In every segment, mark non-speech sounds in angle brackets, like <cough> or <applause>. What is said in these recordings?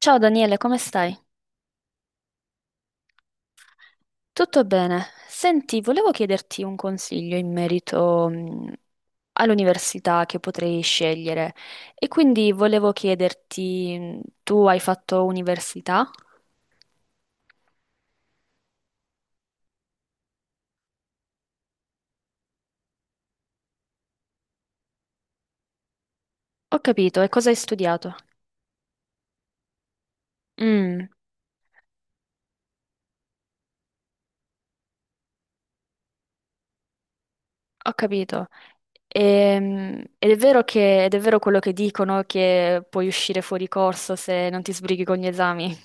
Ciao Daniele, come stai? Tutto bene. Senti, volevo chiederti un consiglio in merito all'università che potrei scegliere e quindi volevo chiederti, tu hai fatto università? Ho capito, e cosa hai studiato? Mm, Ho capito. Ed è vero quello che dicono che puoi uscire fuori corso se non ti sbrighi con gli esami.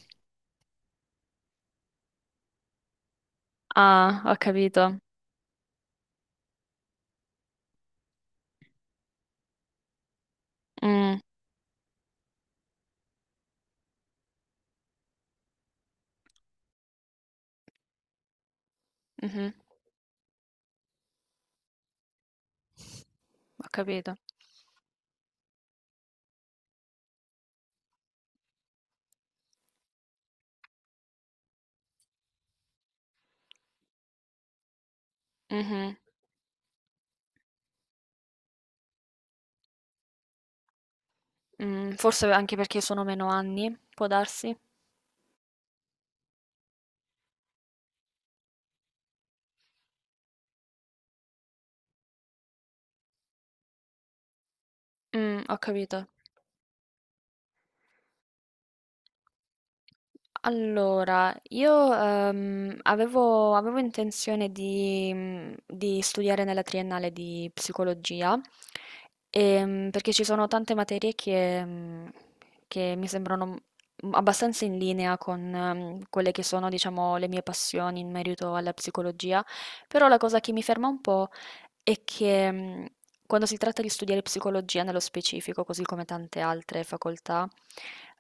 Ah, ho capito. Mm, mhm, Ho capito. Mhm. Mhmm, Forse anche perché sono meno anni, può darsi? Ho capito. Allora, io, avevo intenzione di studiare nella triennale di psicologia, perché ci sono tante materie che mi sembrano, abbastanza in linea con quelle che sono, diciamo, le mie passioni in merito alla psicologia, però la cosa che mi ferma un po' è che quando si tratta di studiare psicologia nello specifico, così come tante altre facoltà,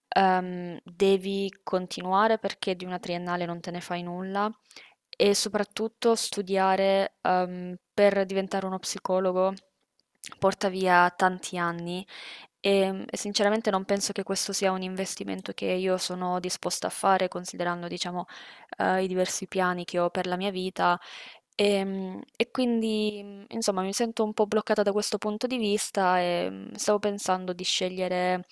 devi continuare perché di una triennale non te ne fai nulla e soprattutto studiare per diventare uno psicologo porta via tanti anni e sinceramente non penso che questo sia un investimento che io sono disposta a fare considerando, diciamo, i diversi piani che ho per la mia vita. E, quindi, insomma, mi sento un po' bloccata da questo punto di vista e stavo pensando di scegliere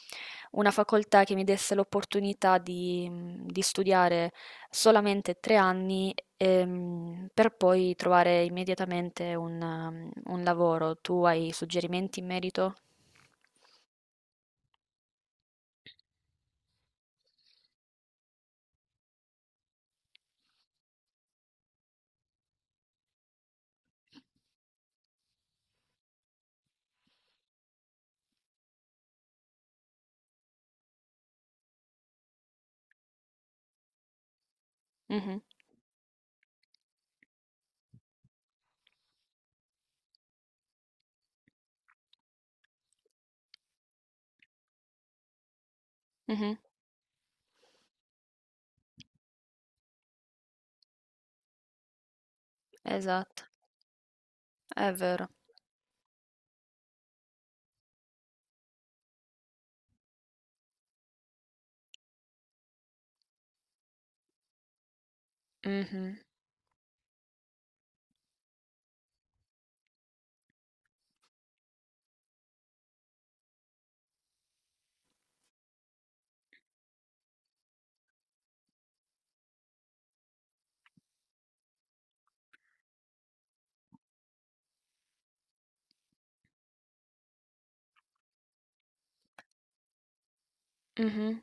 una facoltà che mi desse l'opportunità di studiare solamente 3 anni per poi trovare immediatamente un lavoro. Tu hai suggerimenti in merito? Mhm, mhm. Esatto, è vero. Mhm, mhm.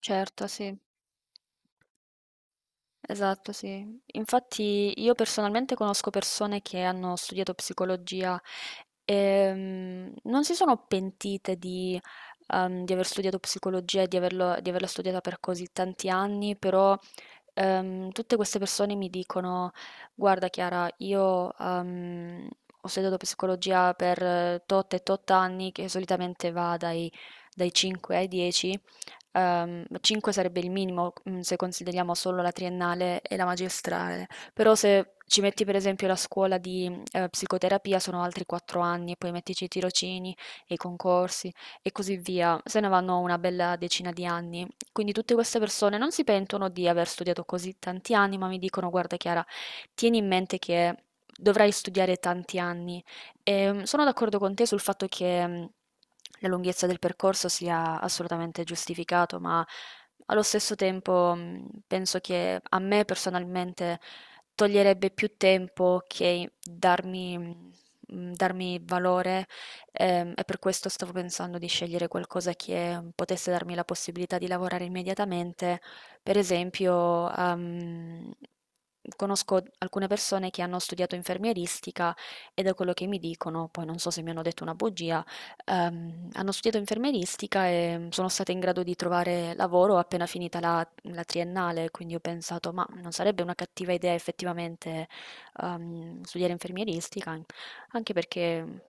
Certo, sì. Esatto, sì. Infatti io personalmente conosco persone che hanno studiato psicologia e non si sono pentite di aver studiato psicologia e di averla studiata per così tanti anni, però tutte queste persone mi dicono, guarda Chiara, io ho studiato psicologia per tot e tot anni, che solitamente va dai 5 ai 10. 5 sarebbe il minimo, se consideriamo solo la triennale e la magistrale, però se ci metti per esempio la scuola di psicoterapia sono altri 4 anni e poi mettici i tirocini e i concorsi e così via, se ne vanno una bella decina di anni. Quindi tutte queste persone non si pentono di aver studiato così tanti anni, ma mi dicono: "Guarda Chiara, tieni in mente che dovrai studiare tanti anni." Sono d'accordo con te sul fatto che la lunghezza del percorso sia assolutamente giustificato, ma allo stesso tempo penso che a me personalmente toglierebbe più tempo che darmi valore, e per questo stavo pensando di scegliere qualcosa che potesse darmi la possibilità di lavorare immediatamente. Per esempio, conosco alcune persone che hanno studiato infermieristica e da quello che mi dicono, poi non so se mi hanno detto una bugia, hanno studiato infermieristica e sono stata in grado di trovare lavoro appena finita la triennale, quindi ho pensato, ma non sarebbe una cattiva idea effettivamente studiare infermieristica, anche perché.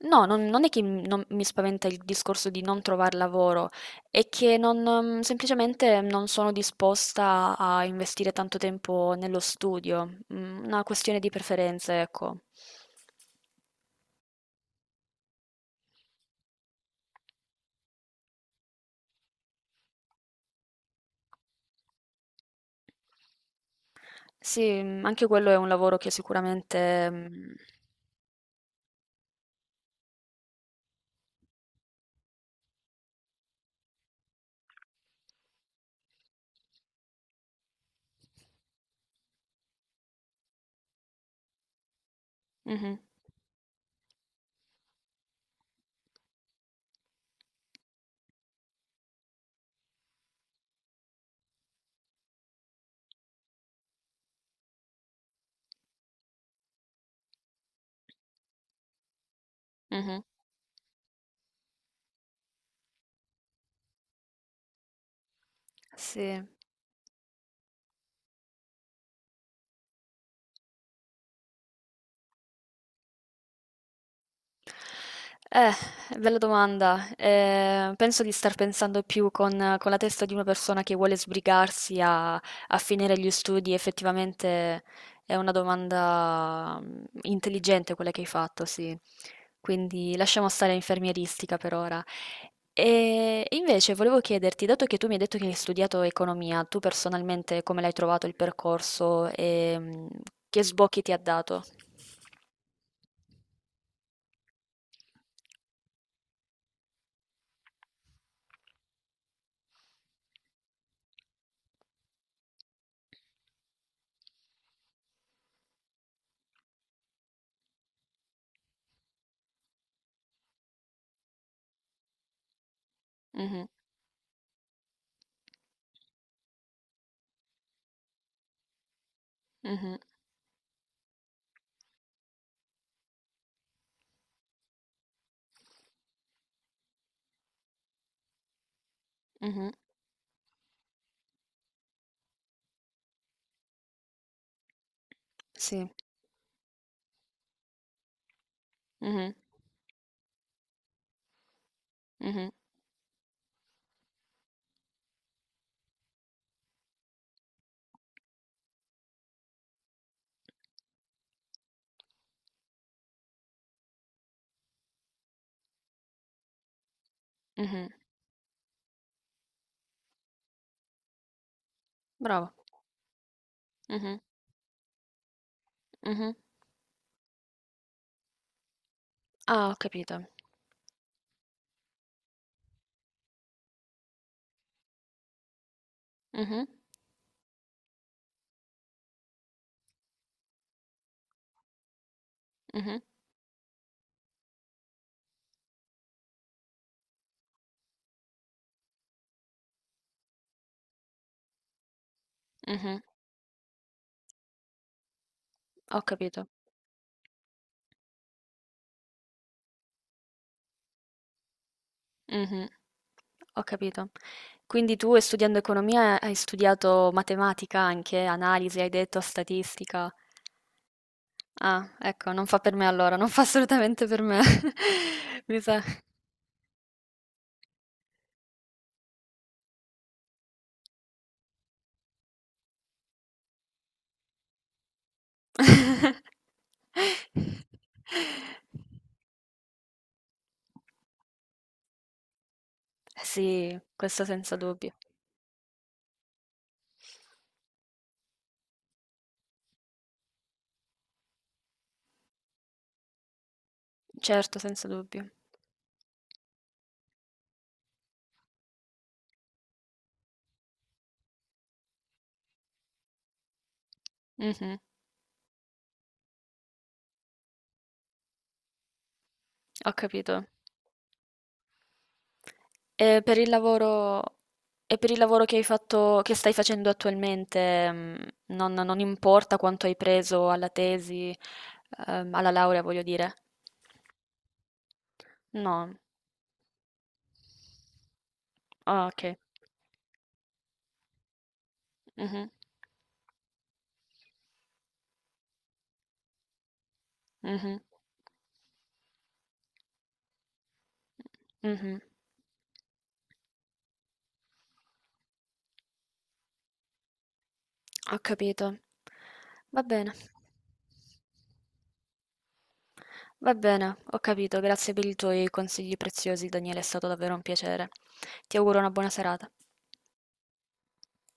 No, non è che m non mi spaventa il discorso di non trovar lavoro, è che non, semplicemente non sono disposta a investire tanto tempo nello studio, una questione di preferenze, ecco. Sì, anche quello è un lavoro che sicuramente mhmm Mh-mh, mh-mh, sì. Eh, bella domanda. Penso di star pensando più con la testa di una persona che vuole sbrigarsi a finire gli studi. Effettivamente è una domanda intelligente quella che hai fatto, sì. Quindi lasciamo stare infermieristica per ora. E invece volevo chiederti, dato che tu mi hai detto che hai studiato economia, tu personalmente come l'hai trovato il percorso e che sbocchi ti ha dato? Mhm, mhm, mhm. Sì. Mh-mh. Mh-mh. Mh-mh. Brava. Mh-mh. Mh-mh. Ah, ho capito. Mh-mh. Mh-mh. Mh-mh. Ho capito. Mh-mh. Ho capito. Quindi tu, studiando economia, hai studiato matematica anche, analisi, hai detto, statistica. Ah, ecco, non fa per me allora, non fa assolutamente per me. <laughs> Mi sa. <laughs> Sì, questo senza dubbio. Certo, senza dubbio. Mh-mh. Ho capito. E per il lavoro, e per il lavoro che hai fatto, che stai facendo attualmente, non importa quanto hai preso alla tesi, alla laurea, voglio dire. No, ah, ok. Mhm, mhm, mhm. Ho capito. Va bene, va bene, ho capito. Grazie per i tuoi consigli preziosi, Daniele, è stato davvero un piacere. Ti auguro una buona serata.